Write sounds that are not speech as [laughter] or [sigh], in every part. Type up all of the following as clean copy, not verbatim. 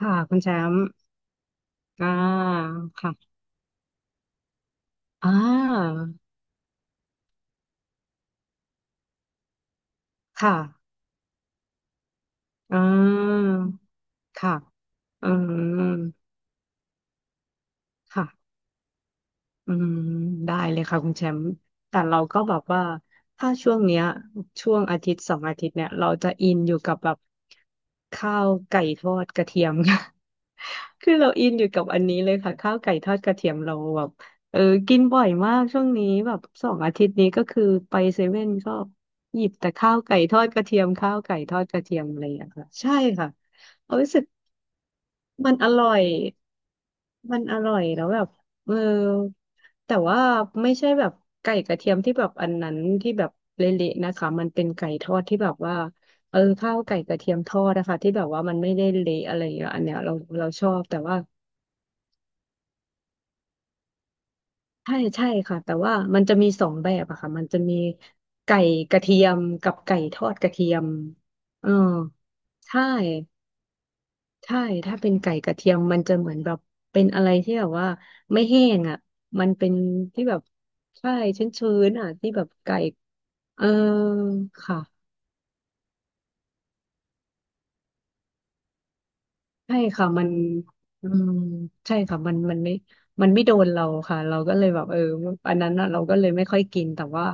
ค่ะคุณแชมป์อ่าค่ะอ่าค่ะอ่าค่ะ อืม ค่ะ อืมได้เลยค่ะคุณแชมป์แต่เราก็แบบว่าถ้าช่วงเนี้ยช่วงอาทิตย์สองอาทิตย์เนี่ยเราจะอินอยู่กับแบบข้าวไก่ทอดกระเทียม [laughs] คือเราอินอยู่กับอันนี้เลยค่ะข้าวไก่ทอดกระเทียมเราแบบเออกินบ่อยมากช่วงนี้แบบสองอาทิตย์นี้ก็คือไปเซเว่นก็หยิบแต่ข้าวไก่ทอดกระเทียมข้าวไก่ทอดกระเทียมอะไรอย่างเงี้ยค่ะใช่ค่ะเรารู้สึกมันอร่อยมันอร่อยแล้วแบบ เออแต่ว่าไม่ใช่แบบไก่กระเทียมที่แบบอันนั้นที่แบบเละๆนะคะมันเป็นไก่ทอดที่แบบว่าเออข้าวไก่กระเทียมทอดนะคะที่แบบว่ามันไม่ได้เละอะไรอย่างเงี้ยอันเนี้ยเราชอบแต่ว่าใช่ค่ะแต่ว่ามันจะมีสองแบบอะค่ะมันจะมีไก่กระเทียมกับไก่ทอดกระเทียมเออใช่ ใช่ถ้าเป็นไก่กระเทียมมันจะเหมือนแบบเป็นอะไรที่แบบว่าไม่แห้งอ่ะมันเป็นที่แบบใช่ชื้นๆอ่ะที่แบบไก่เออค่ะใช่ค่ะมันอืมใช่ค่ะมันไม่โดนเราค่ะเราก็เลยแบบเอออันนั้นน่ะเราก็เลยไม่ค่อยกินแต่ว่า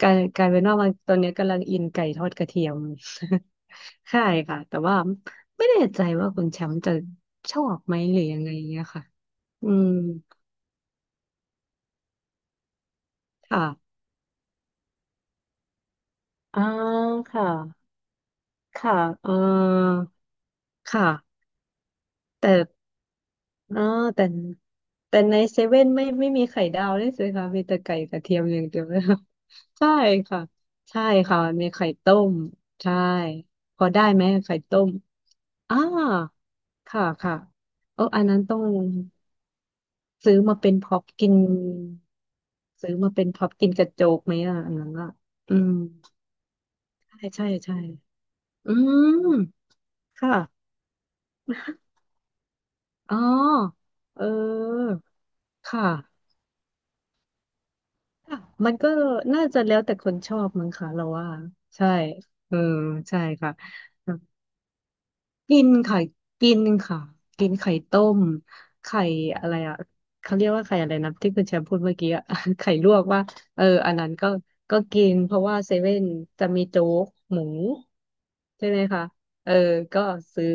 การเป็นว่ามันตอนนี้กำลังอินไก่ทอดกระเทียม [laughs] ใช่ค่ะแต่ว่าไม่แน่ใจว่าคุณแชมป์จะชอบไหมหรือยังไงเงี้ยค่ะอืมค่ะ อ่าค่ะค่ะเออค่ะแต่เออแต่ แต่ในเซเว่นไม่มีไข่ดาวด้วยสิคะมีแต่ไก่กระเทียมอย่างเดียวเลยค่ะ [laughs] ใช่ค่ะ ใช่ค่ะ มีไข่ต้ม ใช่พอได้ไหมไข่ต้มอ่าค่ะค่ะเอออันนั้นต้องซื้อมาเป็นพ็อปกินซื้อมาเป็นพ็อปกินกระโจกไหมอ่ะอันนั้นอ่ะอืมใช่ใช่ใช่อืมค่ะ อ๋อเออค่ะค่ะ มันก็น่าจะแล้วแต่คนชอบมั้งค่ะเราว่าใช่เออใช่ค่ะกินไข่กินค่ะกินไข่ต้มไข่อะไรอ่ะเขาเรียกว่าไข่อะไรนะที่คุณแชมป์พูดเมื่อกี้อะ [laughs] ไข่ลวกว่าเอออันนั้นก็กินเพราะว่าเซเว่นจะมีโจ๊กหมูใช่ไหมคะเออก็ซื้อ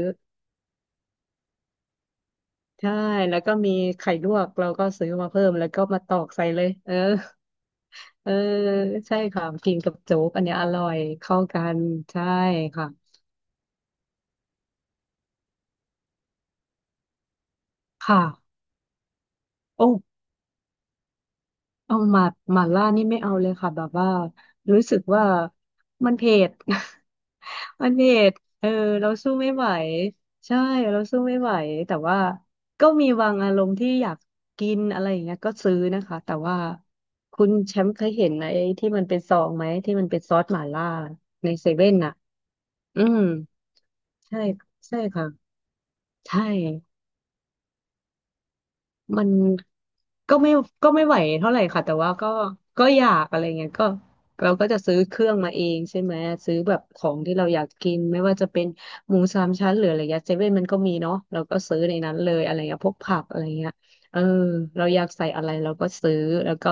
ใช่ แล้วก็มีไข่ลวก เราก็ซื้อมาเพิ่ม แล้วก็มาตอกใส่เลย เออ [laughs] เออ ใช่ค่ะกินกับโจ๊กอันเนี้ยอร่อยเข้ากัน ใช่ค่ะค่ะโอ้ เอาหมาหมาล่านี่ไม่เอาเลยค่ะแบบว่ารู้สึกว่ามันเผ็ด [laughs] มันเผ็ดเออเราสู้ไม่ไหวใช่เราสู้ไม่ไหวแต่ว่าก็มีบางอารมณ์ที่อยากกินอะไรอย่างเงี้ยก็ซื้อนะคะแต่ว่าคุณแชมป์เคยเห็นไอ้ที่มันเป็นซองไหมที่มันเป็นซอสหม่าล่าในเซเว่นน่ะอืมใช่ใช่ค่ะใช่ มันก็ไม่ก็ไม่ไหวเท่าไหร่ค่ะแต่ว่าก็อยากอะไรเงี้ยก็เราก็จะซื้อเครื่องมาเองใช่ไหมซื้อแบบของที่เราอยากกินไม่ว่าจะเป็นหมูสามชั้นหรืออะไรเงี้ยเซเว่นมันก็มีเนาะเราก็ซื้อในนั้นเลยอะไรเงี้ยพวกผักอะไรเงี้ยเออเราอยากใส่อะไรเราก็ซื้อแล้วก็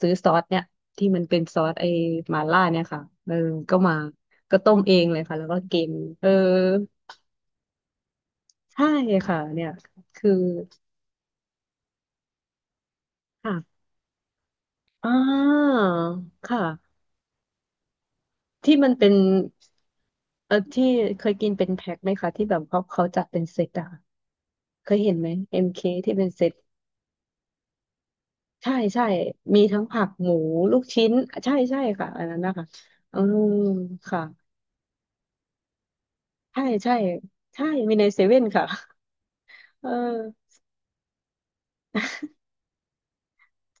ซื้อซอสเนี่ยที่มันเป็นซอสไอ้หม่าล่าเนี่ยค่ะเออก็มาก็ต้มเองเลยค่ะแล้วก็กินเออใช่ค่ะเนี่ยคือค่ะอ่าค่ะ ที่มันเป็นเออที่เคยกินเป็นแพ็คไหมคะที่แบบเขาจัดเป็นเซตอะค่ะเคยเห็นไหม MK ที่เป็นเซตใช่มีทั้งผักหมูลูกชิ้นใช่ค่ะอันนั้นนะคะอืมค่ะใช่ใช่ใช่มีในเซเว่นค่ะเออ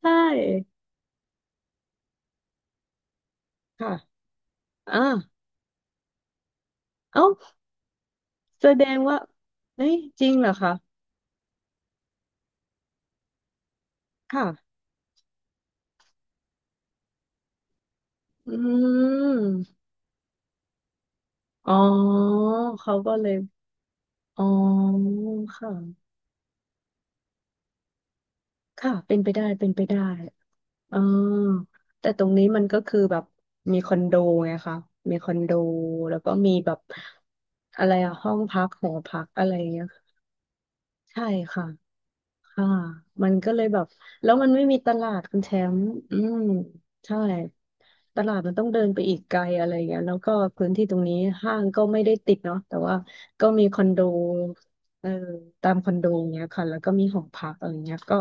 ใช่ค่ะอ่าเอ้าแสดงว่าเฮ้ยจริงเหรอคะค่ะอืมอ๋อเขาก็เลยอ๋อค่ะค่ะเป็นไปได้เป็นไปได้ เออแต่ตรงนี้มันก็คือแบบมีคอนโดไงคะมีคอนโดแล้วก็มีแบบอะไรอะห้องพักหอพักอะไรเงี้ยใช่ค่ะ ค่ะมันก็เลยแบบแล้วมันไม่มีตลาดคุณแชมป์อืมใช่ตลาดมันต้องเดินไปอีกไกลอะไรอย่างเงี้ยแล้วก็พื้นที่ตรงนี้ห้างก็ไม่ได้ติดเนาะแต่ว่าก็มีคอนโดเออตามคอนโดอย่างเงี้ยค่ะแล้วก็มีหอพักอะไรเงี้ยก็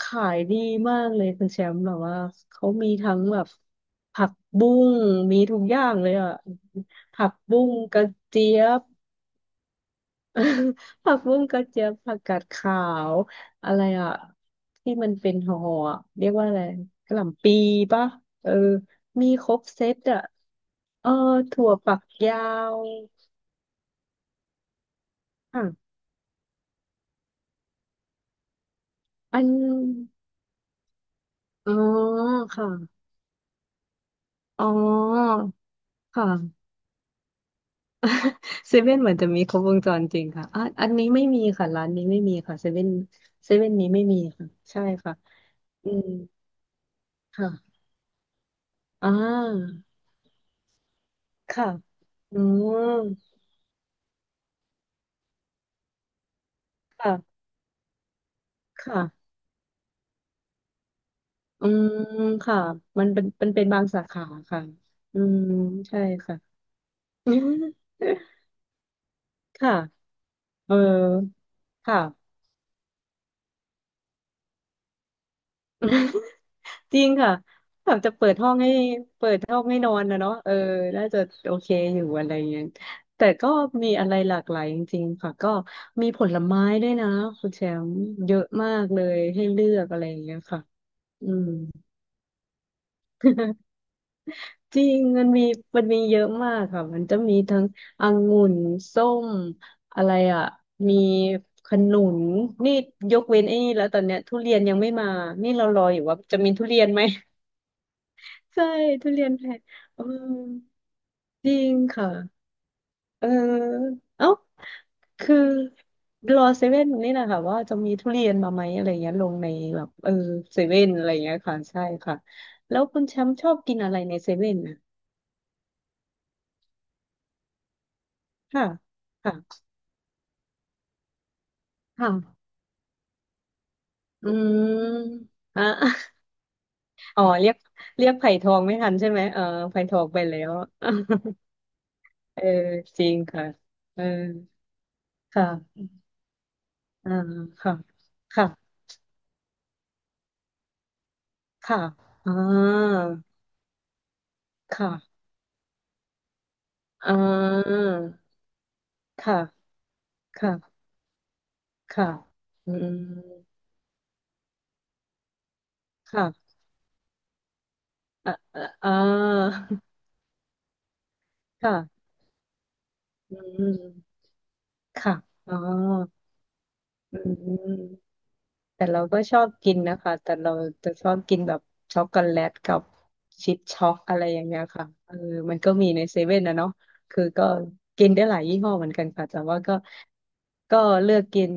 ขายดีมากเลยคุณแชมป์แบบว่าเขามีทั้งแบบผักบุ้งมีทุกอย่างเลยอะผักบุ้งกระเจี๊ยบ [laughs] ผักบุ้งกระเจี๊ยบผักกาดขาวอะไรอ่ะที่มันเป็นห่อๆอะเรียกว่าอะไรกะหล่ำปีป่ะเออมีครบเซตอ่ะเออถั่วฝักยาวค่ะอันอ๋อค่ะอ๋อค่ะ [laughs] เซเว่นเหมือนจะมีครบวงจรจริงค่ะอ่ะอันนี้ไม่มีค่ะร้านนี้ไม่มีค่ะเซเว่นนี้ไม่มีค่ะใช่ค่ะอืมค่ะอ่าค่ะอืมค่ะ ค่ะอืมค่ะ มันเป็นบางสาขาค่ะอืมใช่ค่ะ [laughs] ค่ะเออค่ะ [laughs] จริงค่ะแบบจะเปิดห้องให้เปิดห้องให้นอนนะเนาะเออน่าจะโอเคอยู่อะไรเงี้ยแต่ก็มีอะไรหลากหลายจริงๆค่ะก็มีผลไม้ด้วยนะคุณแชมป์เยอะมากเลยให้เลือกอะไรอย่างเงี้ยค่ะอืม จริงมันมีมันมีเยอะมากค่ะมันจะมีทั้งองุ่นส้มอะไรอ่ะมีขนุนนี่ยกเว้นไอ้นี่แล้วตอนเนี้ยทุเรียนยังไม่มานี่เรารออยู่ว่าจะมีทุเรียนไหม [laughs] ใช่ทุเรียนแพงเออจริงค่ะเออเอ้าคือรอเซเว่นนี่แหละค่ะว่าจะมีทุเรียนมาไหมอะไรเงี้ยลงในแบบเออเซเว่นอะไรเงี้ยค่ะใช่ค่ะแล้วคุณแชมป์ชอบกินอะไรในเซเว่นนะค่ะค่ะ อืมอ่ะ อ๋อ เรียกเรียกไผ่ทองไม่ทันใช่ไหมเออไผ่ทองไปแล้ว [laughs] เออจริงค่ะเออค่ะอ่าค่ะค่ะค่ะอ่าค่ะอ่าค่ะค่ะค่ะอืมค่ะอ่าอ่าค่ะอืมค่ะอ๋ออืม แต่เราก็ชอบกินนะคะแต่เราจะชอบกินแบบช็อกโกแลตกับชิปช็อกอะไรอย่างเงี้ยค่ะเออมันก็มีในเซเว่นนะเนาะคือก็กินได้หลายยี่ห้อเหมือนกันค่ะแต่ว่าก็ก็เลือกกิน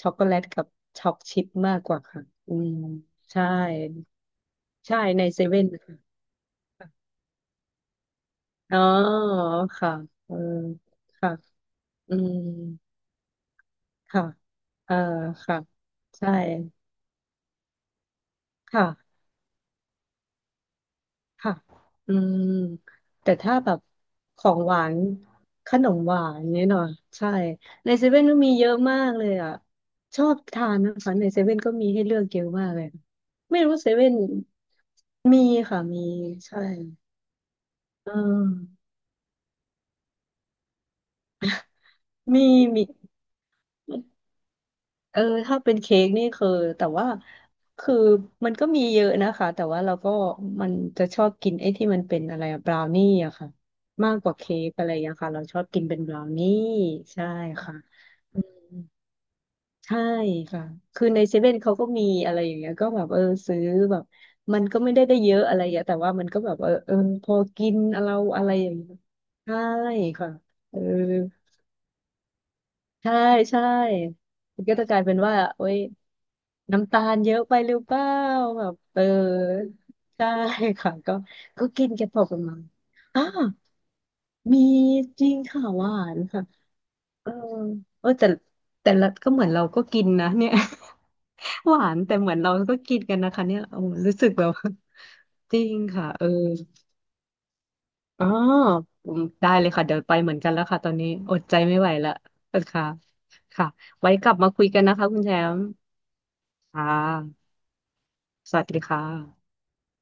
ช็อกโกแลตกับช็อกชิปมากกว่าค่ะอืมใช่ใช่ในเซเว่นนะคะอ๋อค่ะเออค่ะอืมค่ะเออค่ะใช่ค่ะ ค่ะอืมแต่ถ้าแบบของหวาน ขนมหวานเนี่ยเนาะใช่ ในเซเว่นก็มีเยอะมากเลยอ่ะชอบทานนะคะ ในเซเว่นก็มีให้เลือกเยอะมากเลย ไม่รู้เซเว่นมีค่ะ มี ใช่เออมีมี เออถ้าเป็นเค้กนี่คือแต่ว่าคือมันก็มีเยอะนะคะแต่ว่าเราก็มันจะชอบกินไอ้ที่มันเป็นอะไรบราวนี่อะค่ะมากกว่าเค้กอะไรอย่างเงี้ยค่ะเราชอบกินเป็นบราวนี่ใช่ค่ะใช่ค่ะคือในเซเว่นเขาก็มีอะไรอย่างเงี้ยก็แบบเออซื้อแบบมันก็ไม่ได้ได้เยอะอะไรอย่างเงี้ยแต่ว่ามันก็แบบเออเออพอกินเราอะไรอย่างเงี้ยใช่ค่ะเออ ใช่ใช่มันก็จะกลายเป็นว่าโอ้ยน้ำตาลเยอะไปหรือเปล่าแบบเออใช่ค่ะก็ก็กินแกพอประมาณอ่ามีจริงค่ะหวานค่ะเออเออแต่แต่ละก็เหมือนเราก็กินนะเนี่ย [laughs] หวานแต่เหมือนเราก็กินกันนะคะเนี่ยโอ้รู้สึกแบบ [laughs] จริงค่ะเอออ๋ออืมได้เลยค่ะเดี๋ยวไปเหมือนกันแล้วค่ะตอนนี้อดใจไม่ไหวละเออค่ะค่ะไว้กลับมาคุยกันนะคะคุณแชมป์ ค่ะสวัสดีค่ะ